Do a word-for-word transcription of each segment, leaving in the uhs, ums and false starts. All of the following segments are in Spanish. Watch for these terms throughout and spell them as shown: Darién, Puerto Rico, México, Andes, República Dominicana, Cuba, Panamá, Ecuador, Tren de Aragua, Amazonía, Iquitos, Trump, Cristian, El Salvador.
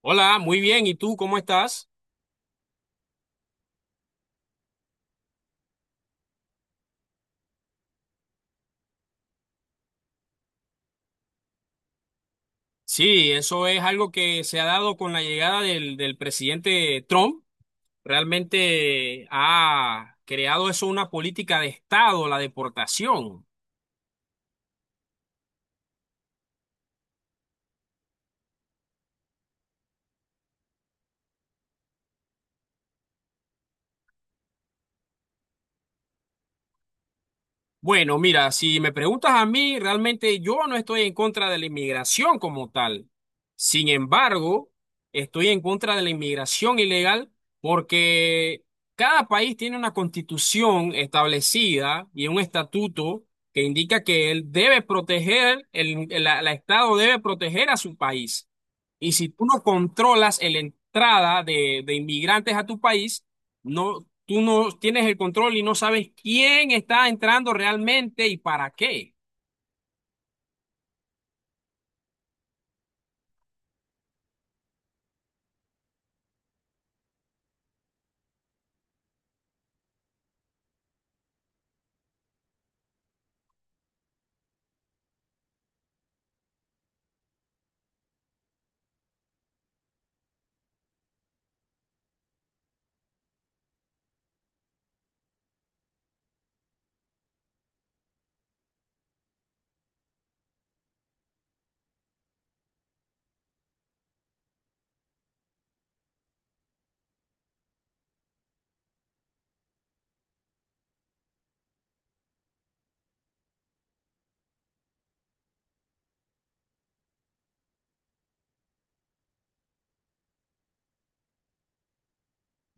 Hola, muy bien. ¿Y tú cómo estás? Sí, eso es algo que se ha dado con la llegada del, del presidente Trump. Realmente ha creado eso una política de Estado, la deportación. Bueno, mira, si me preguntas a mí, realmente yo no estoy en contra de la inmigración como tal. Sin embargo, estoy en contra de la inmigración ilegal porque cada país tiene una constitución establecida y un estatuto que indica que él debe proteger, el, el- la- la Estado debe proteger a su país. Y si tú no controlas la entrada de, de inmigrantes a tu país, no, tú no tienes el control y no sabes quién está entrando realmente y para qué.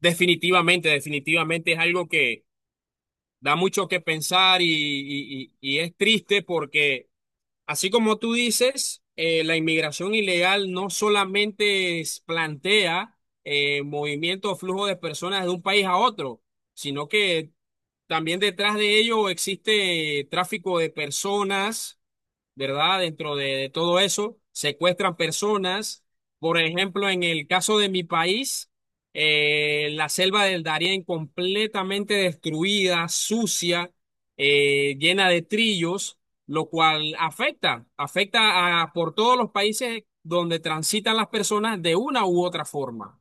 Definitivamente, definitivamente es algo que da mucho que pensar y, y- y- y es triste porque, así como tú dices, eh, la inmigración ilegal no solamente es- plantea eh, movimiento o flujo de personas de un país a otro, sino que también detrás de ello existe tráfico de personas, ¿verdad? Dentro de, de todo eso, secuestran personas. Por ejemplo, en el caso de mi país, eh, la selva del Darién completamente destruida, sucia, eh, llena de trillos, lo cual afecta, afecta a, por todos los países donde transitan las personas de una u otra forma.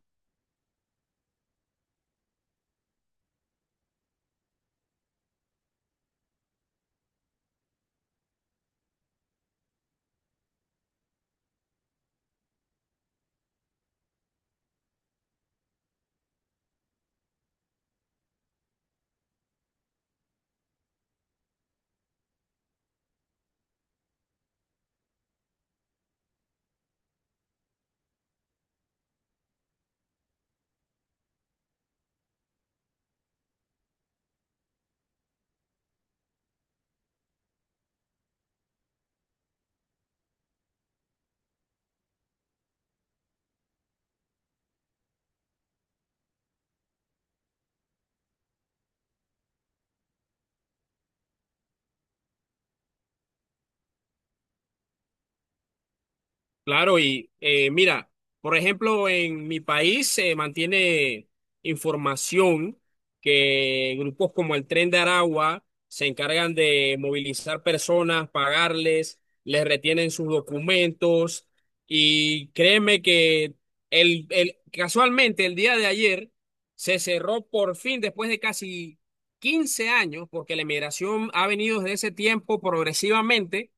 Claro, y eh, mira, por ejemplo, en mi país se mantiene información que grupos como el Tren de Aragua se encargan de movilizar personas, pagarles, les retienen sus documentos y créeme que el, el, casualmente el día de ayer se cerró por fin después de casi quince años, porque la inmigración ha venido desde ese tiempo progresivamente.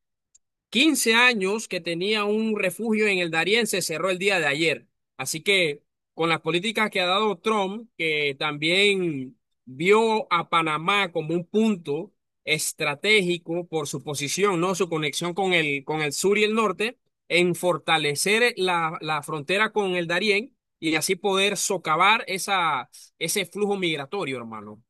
Quince años que tenía un refugio en el Darién se cerró el día de ayer. Así que con las políticas que ha dado Trump, que también vio a Panamá como un punto estratégico por su posición, ¿no? Su conexión con el, con el sur y el norte, en fortalecer la, la frontera con el Darién y así poder socavar esa, ese flujo migratorio, hermano.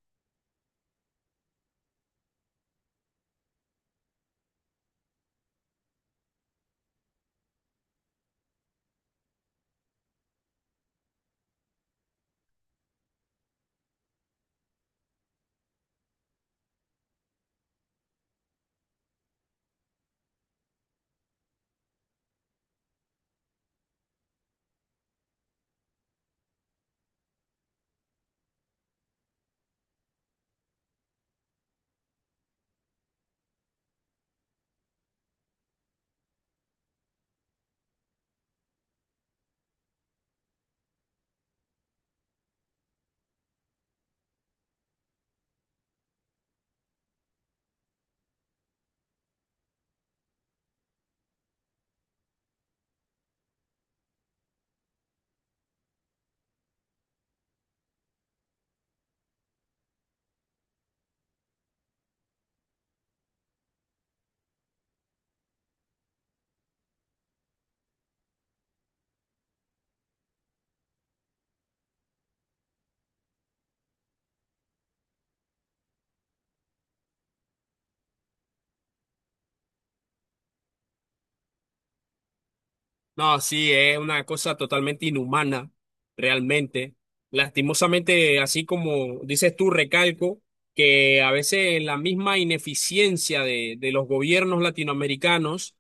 No, sí, es una cosa totalmente inhumana, realmente. Lastimosamente, así como dices tú, recalco que a veces la misma ineficiencia de, de los gobiernos latinoamericanos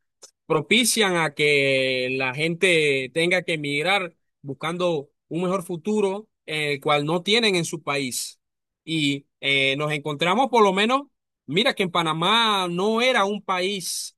propician a que la gente tenga que emigrar buscando un mejor futuro, eh, el cual no tienen en su país. Y eh, nos encontramos por lo menos, mira que en Panamá no era un país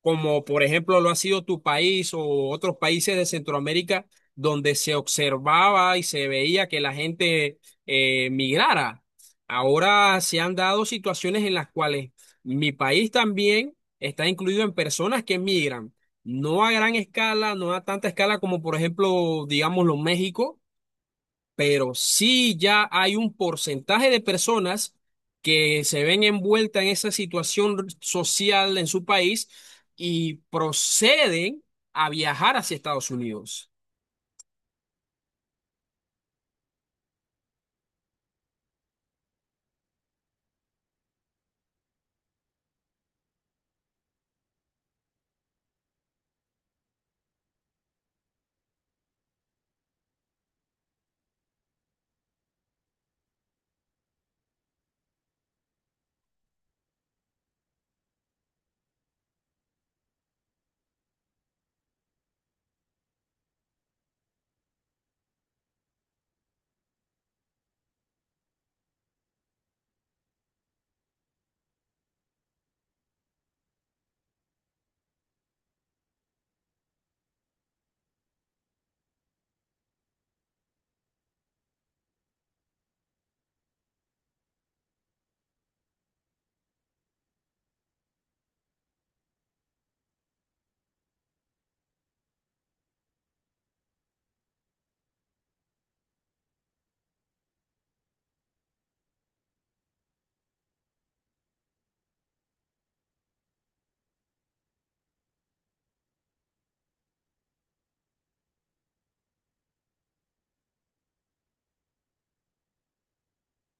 como por ejemplo lo ha sido tu país o otros países de Centroamérica, donde se observaba y se veía que la gente eh, migrara. Ahora se han dado situaciones en las cuales mi país también está incluido en personas que migran, no a gran escala, no a tanta escala como por ejemplo, digámoslo, México, pero sí ya hay un porcentaje de personas que se ven envueltas en esa situación social en su país y proceden a viajar hacia Estados Unidos.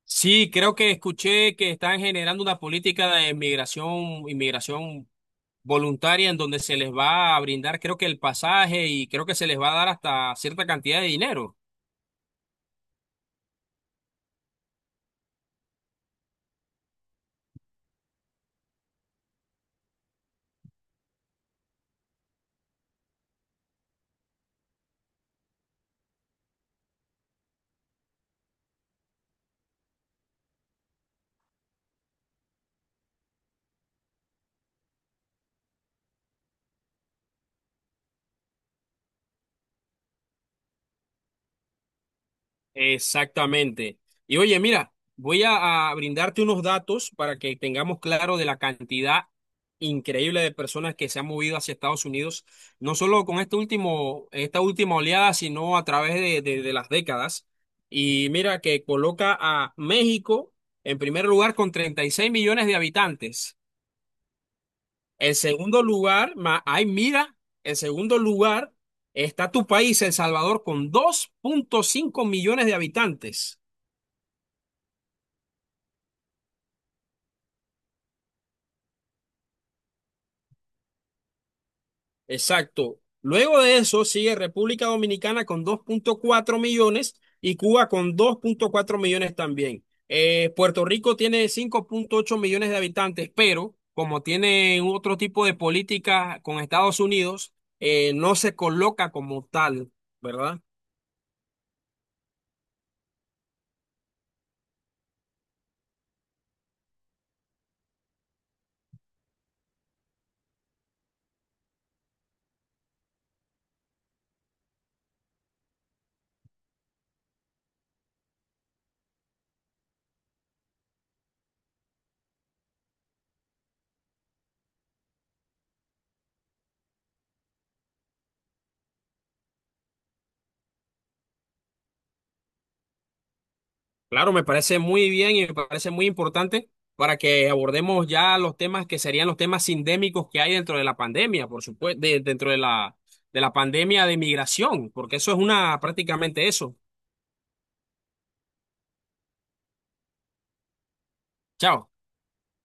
Sí, creo que escuché que están generando una política de migración, inmigración voluntaria en donde se les va a brindar, creo que el pasaje y creo que se les va a dar hasta cierta cantidad de dinero. Exactamente. Y oye, mira, voy a, a brindarte unos datos para que tengamos claro de la cantidad increíble de personas que se han movido hacia Estados Unidos, no solo con este último, esta última oleada, sino a través de, de- de las décadas. Y mira que coloca a México en primer lugar con treinta y seis millones de habitantes. El segundo lugar, ma- ay, mira, el segundo lugar está tu país, El Salvador, con dos punto cinco millones de habitantes. Exacto. Luego de eso sigue República Dominicana con dos punto cuatro millones y Cuba con dos punto cuatro millones también. Eh, Puerto Rico tiene cinco punto ocho millones de habitantes, pero como tiene otro tipo de política con Estados Unidos, eh, no se coloca como tal, ¿verdad? Claro, me parece muy bien y me parece muy importante para que abordemos ya los temas que serían los temas sindémicos que hay dentro de la pandemia, por supuesto, de- dentro de la, de la pandemia de migración, porque eso es una prácticamente eso. Chao.